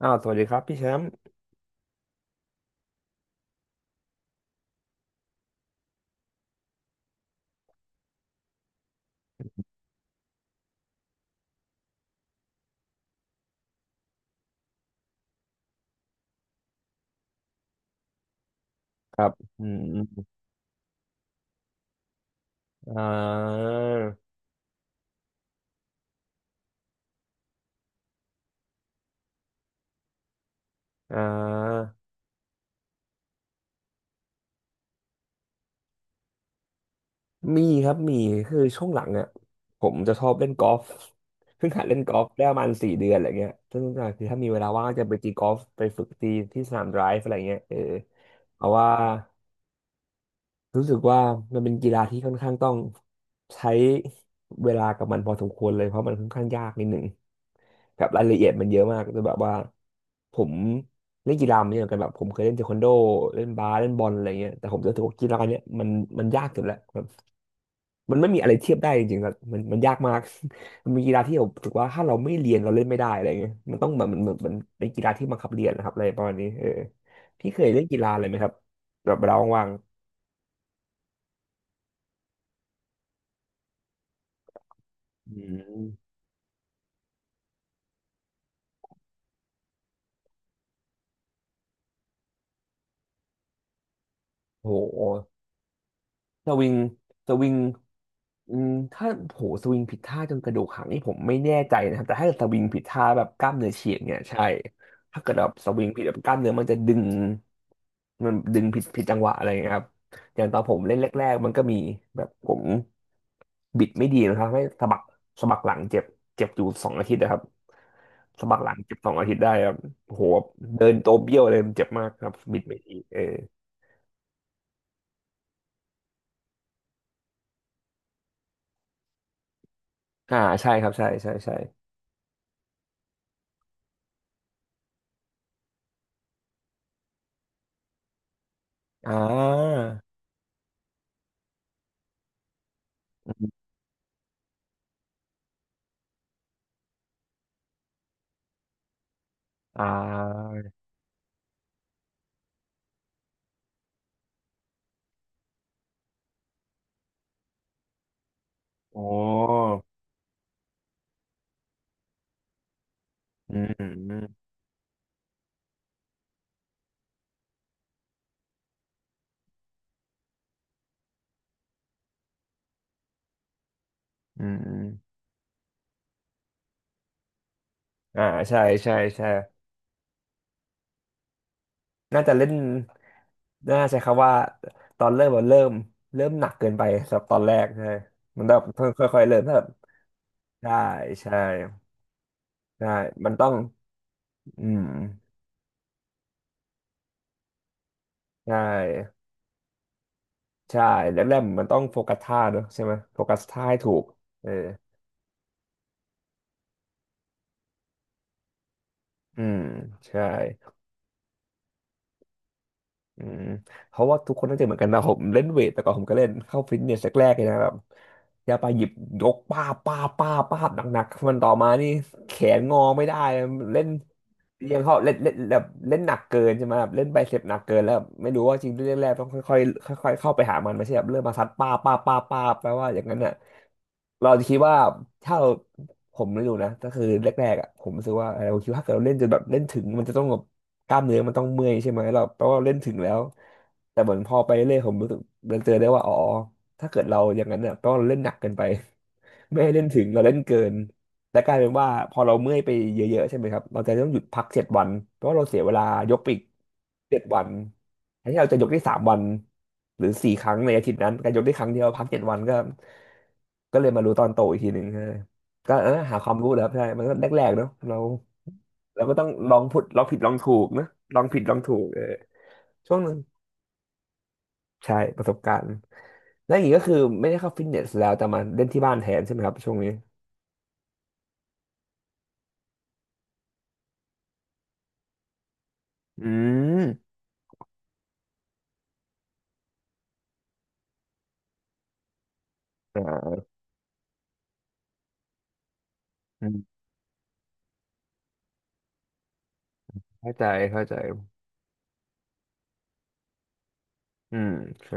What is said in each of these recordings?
อ้าวสวัสดีครับพี่แชมป์ครับอืมอมอ่าอ่ามีครับมีคือช่วงหลังเนี่ยผมจะชอบเล่นกอล์ฟ เพิ่งหัดเล่นกอล์ฟได้ประมาณ4 เดือนอะไรเงี้ยซึ่งคือถ้ามีเวลาว่างก็จะไปตีกอล์ฟไปฝึกตีที่สนามไดรฟ์อะไรเงี้ยเออเพราะว่ารู้สึกว่ามันเป็นกีฬาที่ค่อนข้างต้องใช้เวลากับมันพอสมควรเลยเพราะมันค่อนข้างยากนิดหนึ่ง แบบรายละเอียดมันเยอะมากแต่แบบว่าผมเล่นกีฬามาเยอะเหมือนกันแบบผมเคยเล่นเทควันโดเล่นบาสเล่นบอลอะไรเงี้ยแต่ผมรู้สึกว่ากีฬาเนี้ยมันยากสุดแล้วแบบมันไม่มีอะไรเทียบได้จริงๆครับมันยากมาก มันมีกีฬาที่ผมรู้สึกว่าถ้าเราไม่เรียนเราเล่นไม่ได้อะไรเงี้ยมันต้องแบบมันเหมือนมันเป็นกีฬาที่บังคับเรียนนะครับอะไรประมาณนี้เออพี่เคยเล่นกีฬาอะไรไหมครับแบบเวลาว่างๆอืมโห สวิงสวิงอืมถ้าโหสวิงผิดท่าจนกระดูกหักนี่ผมไม่แน่ใจนะครับแต่ถ้าสวิงผิดท่าแบบกล้ามเนื้อฉีกเนี่ยใช่ถ้าเกิดแบบสวิงผิดแบบกล้ามเนื้อมันจะดึงมันดึงผิดจังหวะอะไรอย่างเงี้ยครับอย่างตอนผมเล่นแรกๆมันก็มีแบบผมบิดไม่ดีนะครับให้สะบักหลังเจ็บเจ็บอยู่สองอาทิตย์นะครับสะบักหลังเจ็บสองอาทิตย์ได้ครับโอ้โหเดินตัวเบี้ยวเลยมันเจ็บมากครับบิดไม่ดีเอออ่าใช่ครับใช่ใช่ใช่อ่า อ่าอ๋ออืมอืมอืมอืมอ่าใช่ใช่ใช่น่าจะเล่นน่าใช้คำว่าตอนเริ่มมันเริ่มหนักเกินไปสำหรับตอนแรกใช่มันแบบค่อยๆเริ่มถ้าแบบใช่ใช่ใช่มันต้องอืมใช่ใช่แรกๆมันต้องโฟกัสท่าเนอะใช่ไหมโฟกัสท่าให้ถูกเอออืมใช่ อืมเพราะว่าทุกคนน่าจะเหมือนกันนะผมเล่นเวทแต่ก่อนผมก็เล่นเข้าฟิตเนสแรกๆเลยนะแบบยาไปหยิบยกป้าบป้าบป้าบป้าบหนักๆมันต่อมานี่แขนงอไม่ได้เล่นเรียงเขาเล่นเล่นแบบเล่นหนักเกินใช่ไหมแบบเล่นไบเซปหนักเกินแล้วแบบไม่รู้ว่าจริงเร่นแรกๆต้องค่อยๆค่อยๆเข้าไปหามันไม่ใช่แบบเริ่มมาซัดป้าบป้าบป้าบป้าบแปลว่าอย่างนั้นน่ะเราจะคิดว่าถ้าเราผมไม่รู้นะก็คือแรกๆอ่ะผมรู้สึกว่าเออผมคิดว่าถ้าเกิดเราเล่นจนแบบเล่นถึงมันจะต้องแบบ กล้ามเนื้อมันต้องเมื่อยใช่ไหมเราแปลว่าเราเล่นถึงแล้วแต่เหมือนพอไปเรื่อยๆผมรู้สึกเดินเจอได้ว่าอ๋อถ้าเกิดเราอย่างนั้นเนี่ยแปลว่าเราเล่นหนักเกินไป ไม่ให้เล่นถึงเราเล่นเกินและกลายเป็นว่าพอเราเมื่อยไปเยอะๆใช่ไหมครับเราจะต้องหยุดพักเจ็ดวันเพราะว่าเราเสียเวลายกไปอีกเจ็ดวันแทนที่เราจะยกได้3 วันหรือ4 ครั้งในอาทิตย์นั้นการยกได้ครั้งเดียวพักเจ็ดวันก็ก็เลยมารู้ตอนโตอีกทีหนึ่งฮะก็เออหาความรู้นะครับใช่มันก็แรกๆเนาะเรา เราก็ต้องลองผุดลองผิดลองถูกนะ ลองผิดลองถูกเออช่วงหนึ่งใช่ประสบการณ์ แล้วอย่างนี้ก็คือไม่ได้เข้าฟิตเนสแล้วแต่มาเล่นที่บ้านแทนใช่ไหมครับช่วงนี้ อืมอ่าอืมเข้าใจเข้าใจอืมใช่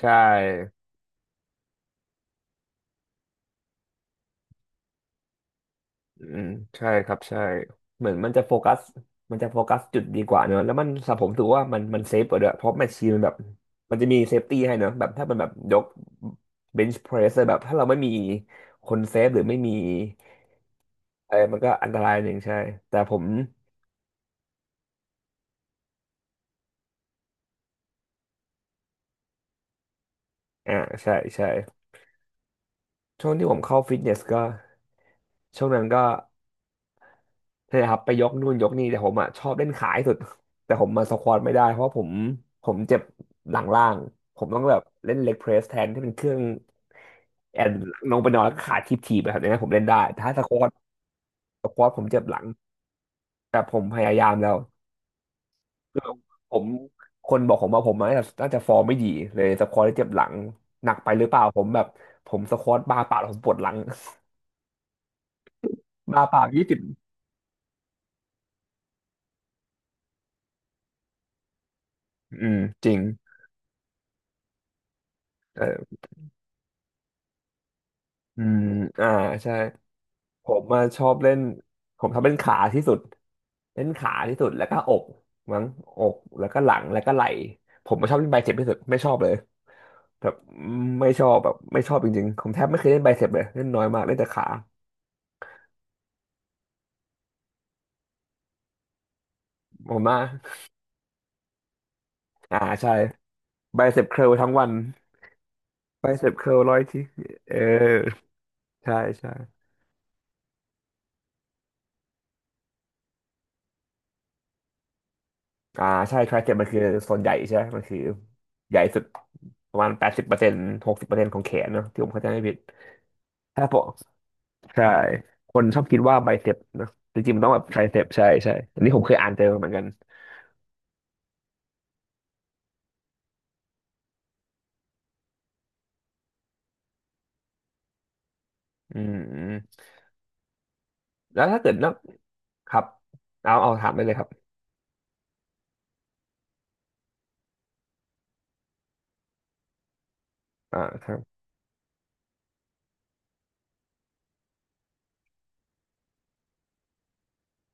ใช่อืมใช่ครับใช่ เหมือนมันจะโฟกัสมันจะโฟกัสจุดดีกว่าเนอะ แล้วมันสำหรับผมถือว่ามันเซฟกว่าด้วยเพราะแมชชีนมันแบบมันจะมีเซฟตี้ให้เนอะแบบถ้ามันแบบยกเบนช์เพรสแบบถ้าเราไม่มีคนเซฟหรือไม่มี เออมันก็อันตรายหนึ่งใช่ แต่ผมอ่าใช่ใช่ช่วงที่ผมเข้าฟิตเนสก็ช่วงนั้นก็นี่นแหละครับไปยกนู่นยกนี่แต่ผมอ่ะชอบเล่นขาที่สุด แต่ผมมาสควอตไม่ได้เพราะผมผมเจ็บหลังล่างผมต้องแบบเล่นเล็กเพรสแทนที่เป็นเครื่องแอนลงไปนอนแล้วก็ขาทิบทีแบบนี้นะผมเล่นได้แต่ถ้าสควอตผมเจ็บหลังแต่ผมพยายามแล้ว ผมคนบอกผมว่าผมน่าจะฟอร์มไม่ดีเลยสควอตเจ็บหลังหนักไปหรือเปล่าผมแบบผมสควอตบาร์เปล่าผมปวดหลัง บาร์เปล่า20อืมจริงเอออืมอ่าใช่ผมมาชอบเล่นผมทำเล่นขาที่สุดแล้วก็อกมั้งอกแล้วก็หลังแล้วก็ไหล่ผมมาชอบเล่นไบเซ็ปที่สุดไม่ชอบเลยแบบไม่ชอบแบบไม่ชอบจริงๆผมแทบไม่เคยเล่นไบเซ็ปเลยเล่นน้อยมากเล่นแต่ขาผมมากอ่าใช่ไบเซ็ปเคิลทั้งวัน ไบเซปเคิล100ที่เออ ใช่ใช่ อ่า ใช่ไทริเซปมันคือส่วนใหญ่ใช่ไหมมันคือใหญ่สุดประมาณ80%60%ของแขนเนอะที่ผมเข้าใจไม่ผิด ถ้าผมใช่ คนชอบคิดว่าไบเซปเนอะจริงๆมันต้องแบบไทริเซปใช่ใช่อันนี้ผมเคยอ่านเจอมาเหมือนกันอืมอืมแล้วถ้าเกิดนักครับ เอาเอาถามได้เลยครับ อ่าครับ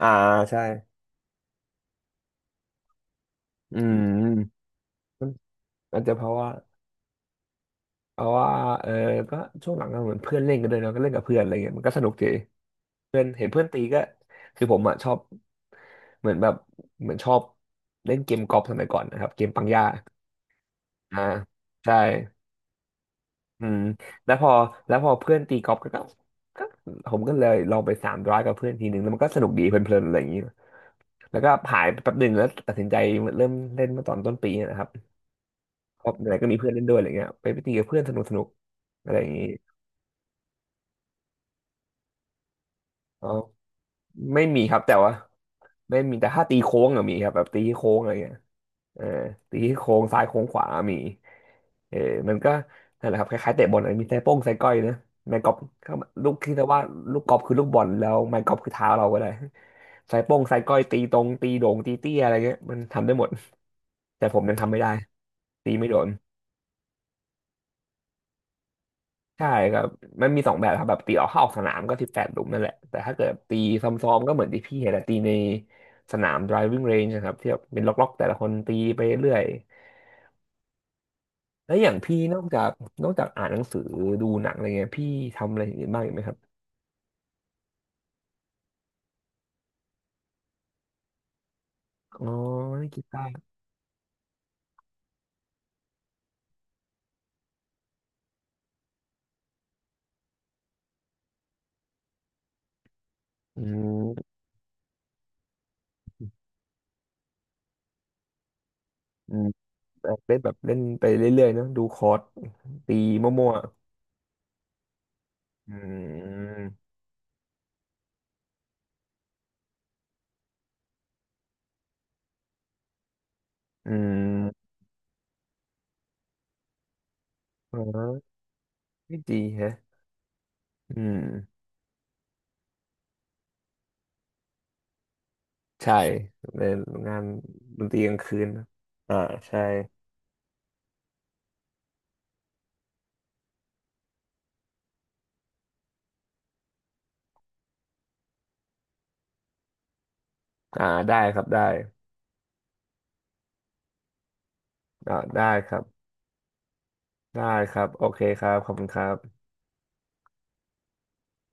อ่าใช่ อืมมันอาจจะเพราะว่า เพราะว่าเออก็ช่วงหลังก็เหมือนเพื่อนเล่นกันด้วยเนาะก็เล่นกับเพื่อนอะไรเงี้ยมันก็สนุกดีเพื่อนเห็นเพื่อนตีก็คือผมอ่ะชอบเหมือนแบบเหมือนชอบเล่นเกมกอล์ฟสมัยก่อนนะครับเกมปังย่าอ่าใช่อืมแล้วพอเพื่อนตีกอล์ฟก็ผมก็เลยลอง300กับเพื่อนทีหนึ่งแล้วมันก็สนุกดีเพลินๆอะไรอย่างนี้แล้วก็หายไปแป๊บหนึ่งแล้วตัดสินใจเริ่มเล่นเมื่อตอนต้นปีนะครับเพราะไหนก็มีเพื่อนเล่นด้วยอะไรเงี้ยไปตีกับเพื่อนสนุกสนุกอะไรอย่างนี้อ๋อไม่มีครับแต่ว่า ไม่มีแต่ถ้าตีโค้งอะมีครับแบบตีโค้งอะไรเงี้ยเออตีโค้งซ้ายโค้งขวามีเออมันก็นั่นแหละครับคล้ายๆเตะบอลอะมีไส้โป้งไส้ก้อยนะไม้กอล์ฟก็ลูกคิดเรีว่าลูกกอล์ฟคือลูกบอลแล้วไม้กอล์ฟคือเท้าเราก็ได้ไส้โป้งไส้ก้อยตีตรงตีโด่งตีเตี้ยอะไรเงี้ยมันทำได้หมดแต่ผมยังทำไม่ได้ตีไม่โดนใช่ครับมันมี2 แบบครับแบบตีออกเข้าออกสนามก็18 หลุมนั่นแหละแต่ถ้าเกิดตีซ้อมๆก็เหมือนที่พี่เห็นแหละตีในสนาม driving range นะครับที่แบบเป็นล็อกๆแต่ละคนตีไปเรื่อย แล้วอย่างพี่นอกจากอ่านหนังสือดูหนังอะไรเงี้ยพี่ทำอะไรอย่างอื่นบ้างอีกไหมครับอ๋อเล่นกีตาร์อืมอืมเล่นแบบเล่นไปเรื่อยๆเนาะดูคอร์ดตีมั่วๆอืมอืมอ๋อไม่ดีฮะอืมใช่ในงานดนตรีกลางคืนนะอ่าใช่อ่าได้ครับได้อ่าได้ครับได้ครับโอเคครับขอบคุณครับ